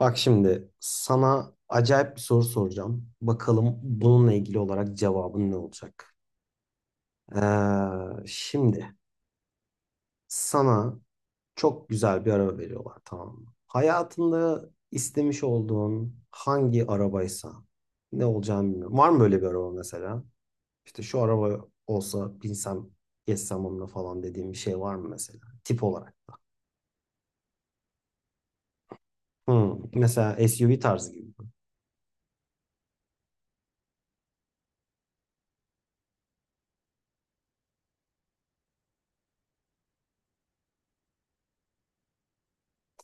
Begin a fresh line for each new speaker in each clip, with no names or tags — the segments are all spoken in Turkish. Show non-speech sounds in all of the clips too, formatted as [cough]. Bak şimdi sana acayip bir soru soracağım. Bakalım bununla ilgili olarak cevabın ne olacak? Şimdi sana çok güzel bir araba veriyorlar, tamam mı? Hayatında istemiş olduğun hangi arabaysa ne olacağını bilmiyorum. Var mı böyle bir araba mesela? İşte şu araba olsa binsem geçsem onunla falan dediğim bir şey var mı mesela? Tip olarak. Hmm, mesela SUV tarzı gibi.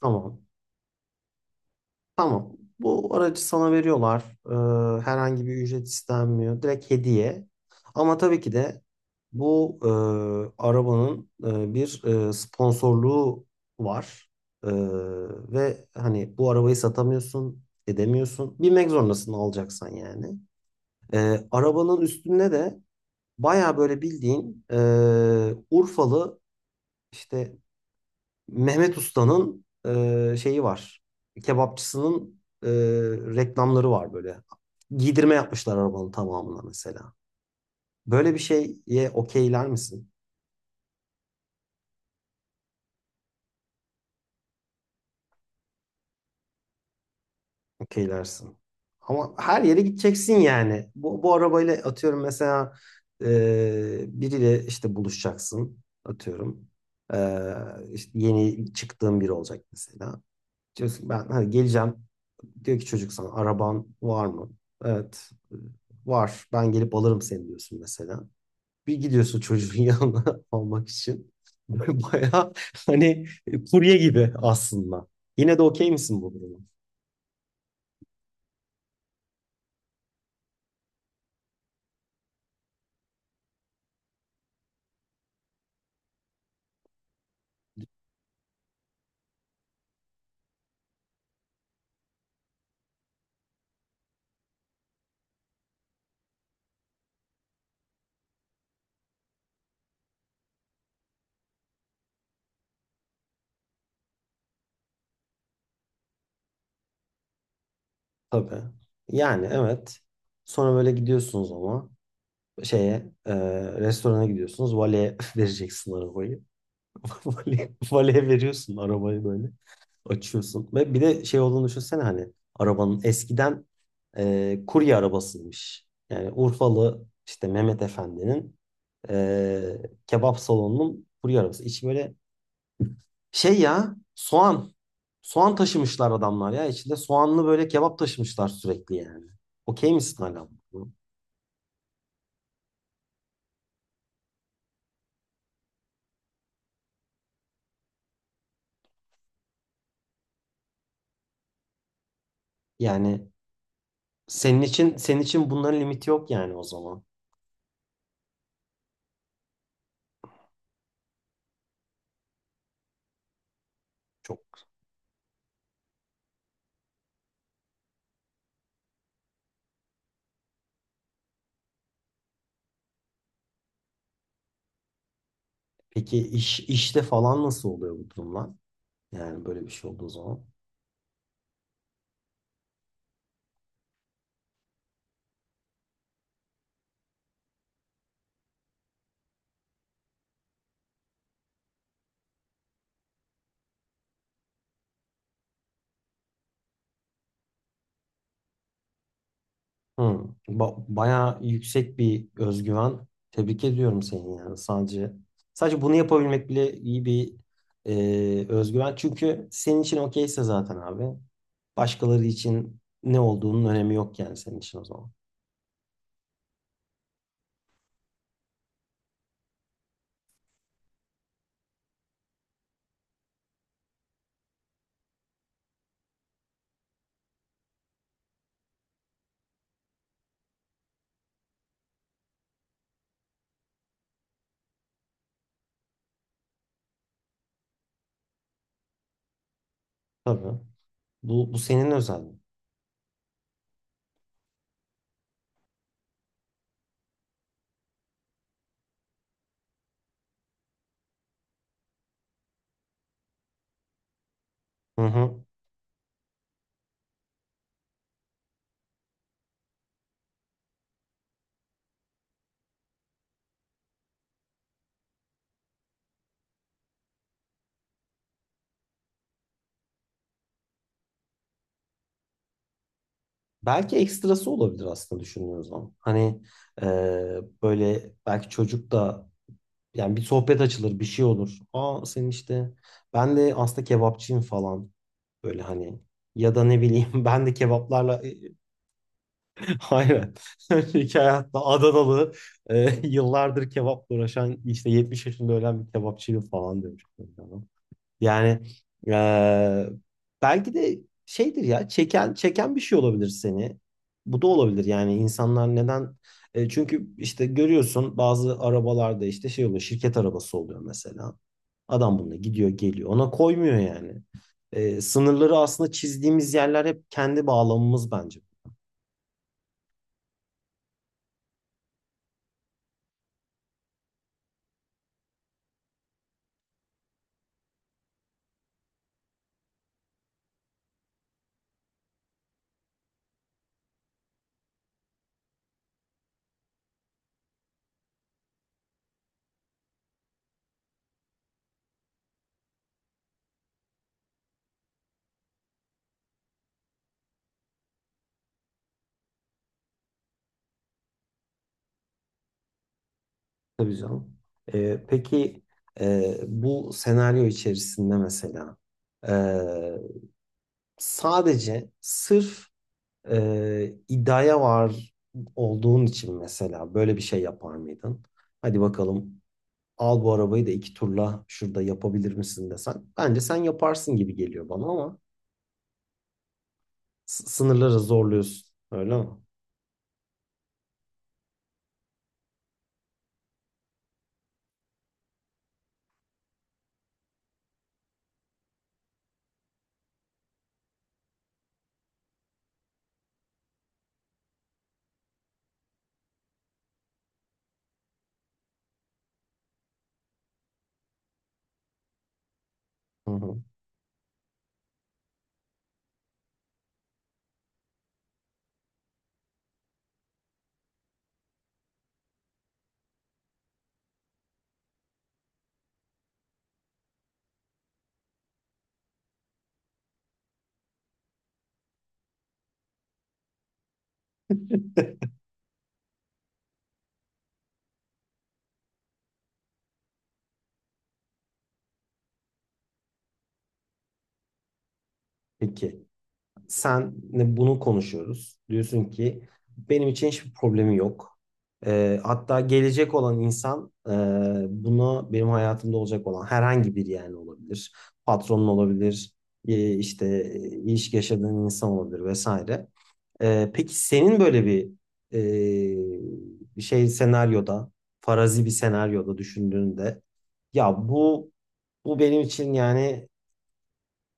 Tamam. Tamam. Bu aracı sana veriyorlar. Herhangi bir ücret istenmiyor. Direkt hediye. Ama tabii ki de bu arabanın bir sponsorluğu var. Ee, Ve hani bu arabayı satamıyorsun, edemiyorsun. Binmek zorundasın alacaksan yani. Arabanın üstünde de baya böyle bildiğin Urfalı işte Mehmet Usta'nın şeyi var. Kebapçısının reklamları var böyle. Giydirme yapmışlar arabanın tamamına mesela. Böyle bir şeye okeyler misin? Okeylersin. Ama her yere gideceksin yani. Bu arabayla atıyorum mesela biriyle işte buluşacaksın atıyorum. E, işte yeni çıktığın biri olacak mesela. Diyorsun ki ben hani geleceğim. Diyor ki çocuk, sana araban var mı? Evet var, ben gelip alırım seni diyorsun mesela. Bir gidiyorsun çocuğun yanına [laughs] almak için. [laughs] Baya hani kurye gibi aslında. Yine de okey misin bu duruma? Tabii. Yani evet. Sonra böyle gidiyorsunuz ama şeye e, restorana gidiyorsunuz. Valeye [laughs] vereceksin arabayı. [laughs] Valeye veriyorsun arabayı böyle. Açıyorsun. Ve bir de şey olduğunu düşünsene, hani arabanın eskiden kurye arabasıymış. Yani Urfalı işte Mehmet Efendi'nin e, kebap salonunun kurye arabası. İçi böyle şey ya, soğan. Soğan taşımışlar adamlar ya. İçinde soğanlı böyle kebap taşımışlar sürekli yani. Okey misin hala bu? Yani senin için bunların limiti yok yani o zaman. Çok. Peki işte falan nasıl oluyor bu durumlar? Yani böyle bir şey olduğu zaman. Hı. Bayağı yüksek bir özgüven. Tebrik ediyorum seni yani. Sadece bunu yapabilmek bile iyi bir özgüven. Çünkü senin için okeyse zaten abi. Başkaları için ne olduğunun önemi yok yani senin için o zaman. Tabii. Bu senin özelliğin. Hı hı. Belki ekstrası olabilir aslında düşündüğün zaman. Hani e, böyle belki çocuk da yani bir sohbet açılır, bir şey olur. Aa senin işte ben de aslında kebapçıyım falan. Böyle hani ya da ne bileyim [laughs] ben de kebaplarla [laughs] aynen [laughs] önceki hayatta Adanalı [laughs] yıllardır kebapla uğraşan işte 70 yaşında ölen bir kebapçıydı falan demiş. Yani eee, belki de şeydir ya, çeken çeken bir şey olabilir seni. Bu da olabilir yani, insanlar neden. E, çünkü işte görüyorsun bazı arabalarda işte şey oluyor, şirket arabası oluyor mesela. Adam bununla gidiyor geliyor, ona koymuyor yani. E, sınırları aslında çizdiğimiz yerler hep kendi bağlamımız bence. Tabii canım. Peki bu senaryo içerisinde mesela e, sadece sırf iddiaya var olduğun için mesela böyle bir şey yapar mıydın? Hadi bakalım, al bu arabayı da iki turla şurada yapabilir misin desen. Bence sen yaparsın gibi geliyor bana ama sınırları zorluyorsun. Öyle mi? Hı hı. Peki. Senle bunu konuşuyoruz. Diyorsun ki benim için hiçbir problemi yok. Hatta gelecek olan insan, buna benim hayatımda olacak olan herhangi bir, yani olabilir. Patronun olabilir, işte ilişki yaşadığın insan olabilir vesaire. Peki senin böyle bir e, bir şey senaryoda, farazi bir senaryoda düşündüğünde, ya bu bu benim için yani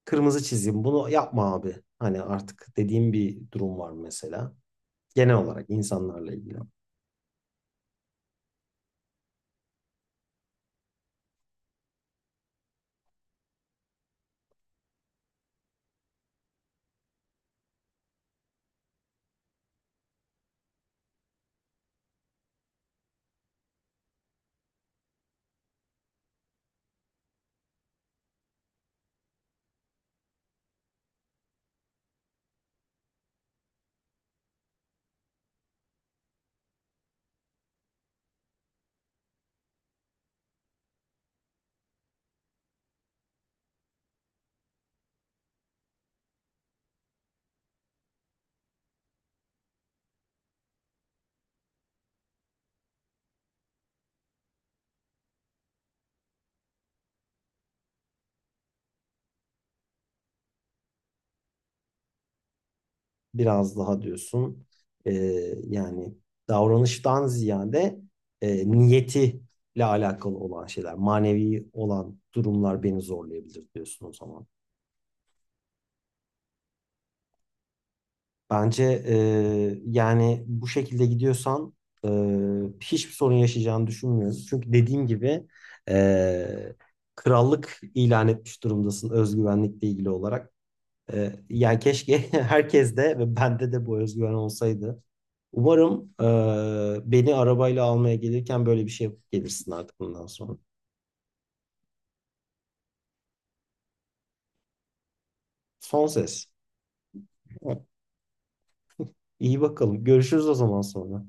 kırmızı çizim, bunu yapma abi. Hani artık dediğim bir durum var mesela. Genel olarak insanlarla ilgili. Biraz daha diyorsun e, yani davranıştan ziyade niyetiyle alakalı olan şeyler, manevi olan durumlar beni zorlayabilir diyorsun o zaman. Bence yani bu şekilde gidiyorsan e, hiçbir sorun yaşayacağını düşünmüyorum. Çünkü dediğim gibi e, krallık ilan etmiş durumdasın özgüvenlikle ilgili olarak. Yani keşke [laughs] herkes de ve bende de bu özgüven olsaydı. Umarım beni arabayla almaya gelirken böyle bir şey yapıp gelirsin artık bundan sonra. Son ses. Evet. İyi bakalım. Görüşürüz o zaman sonra.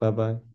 Bye bye.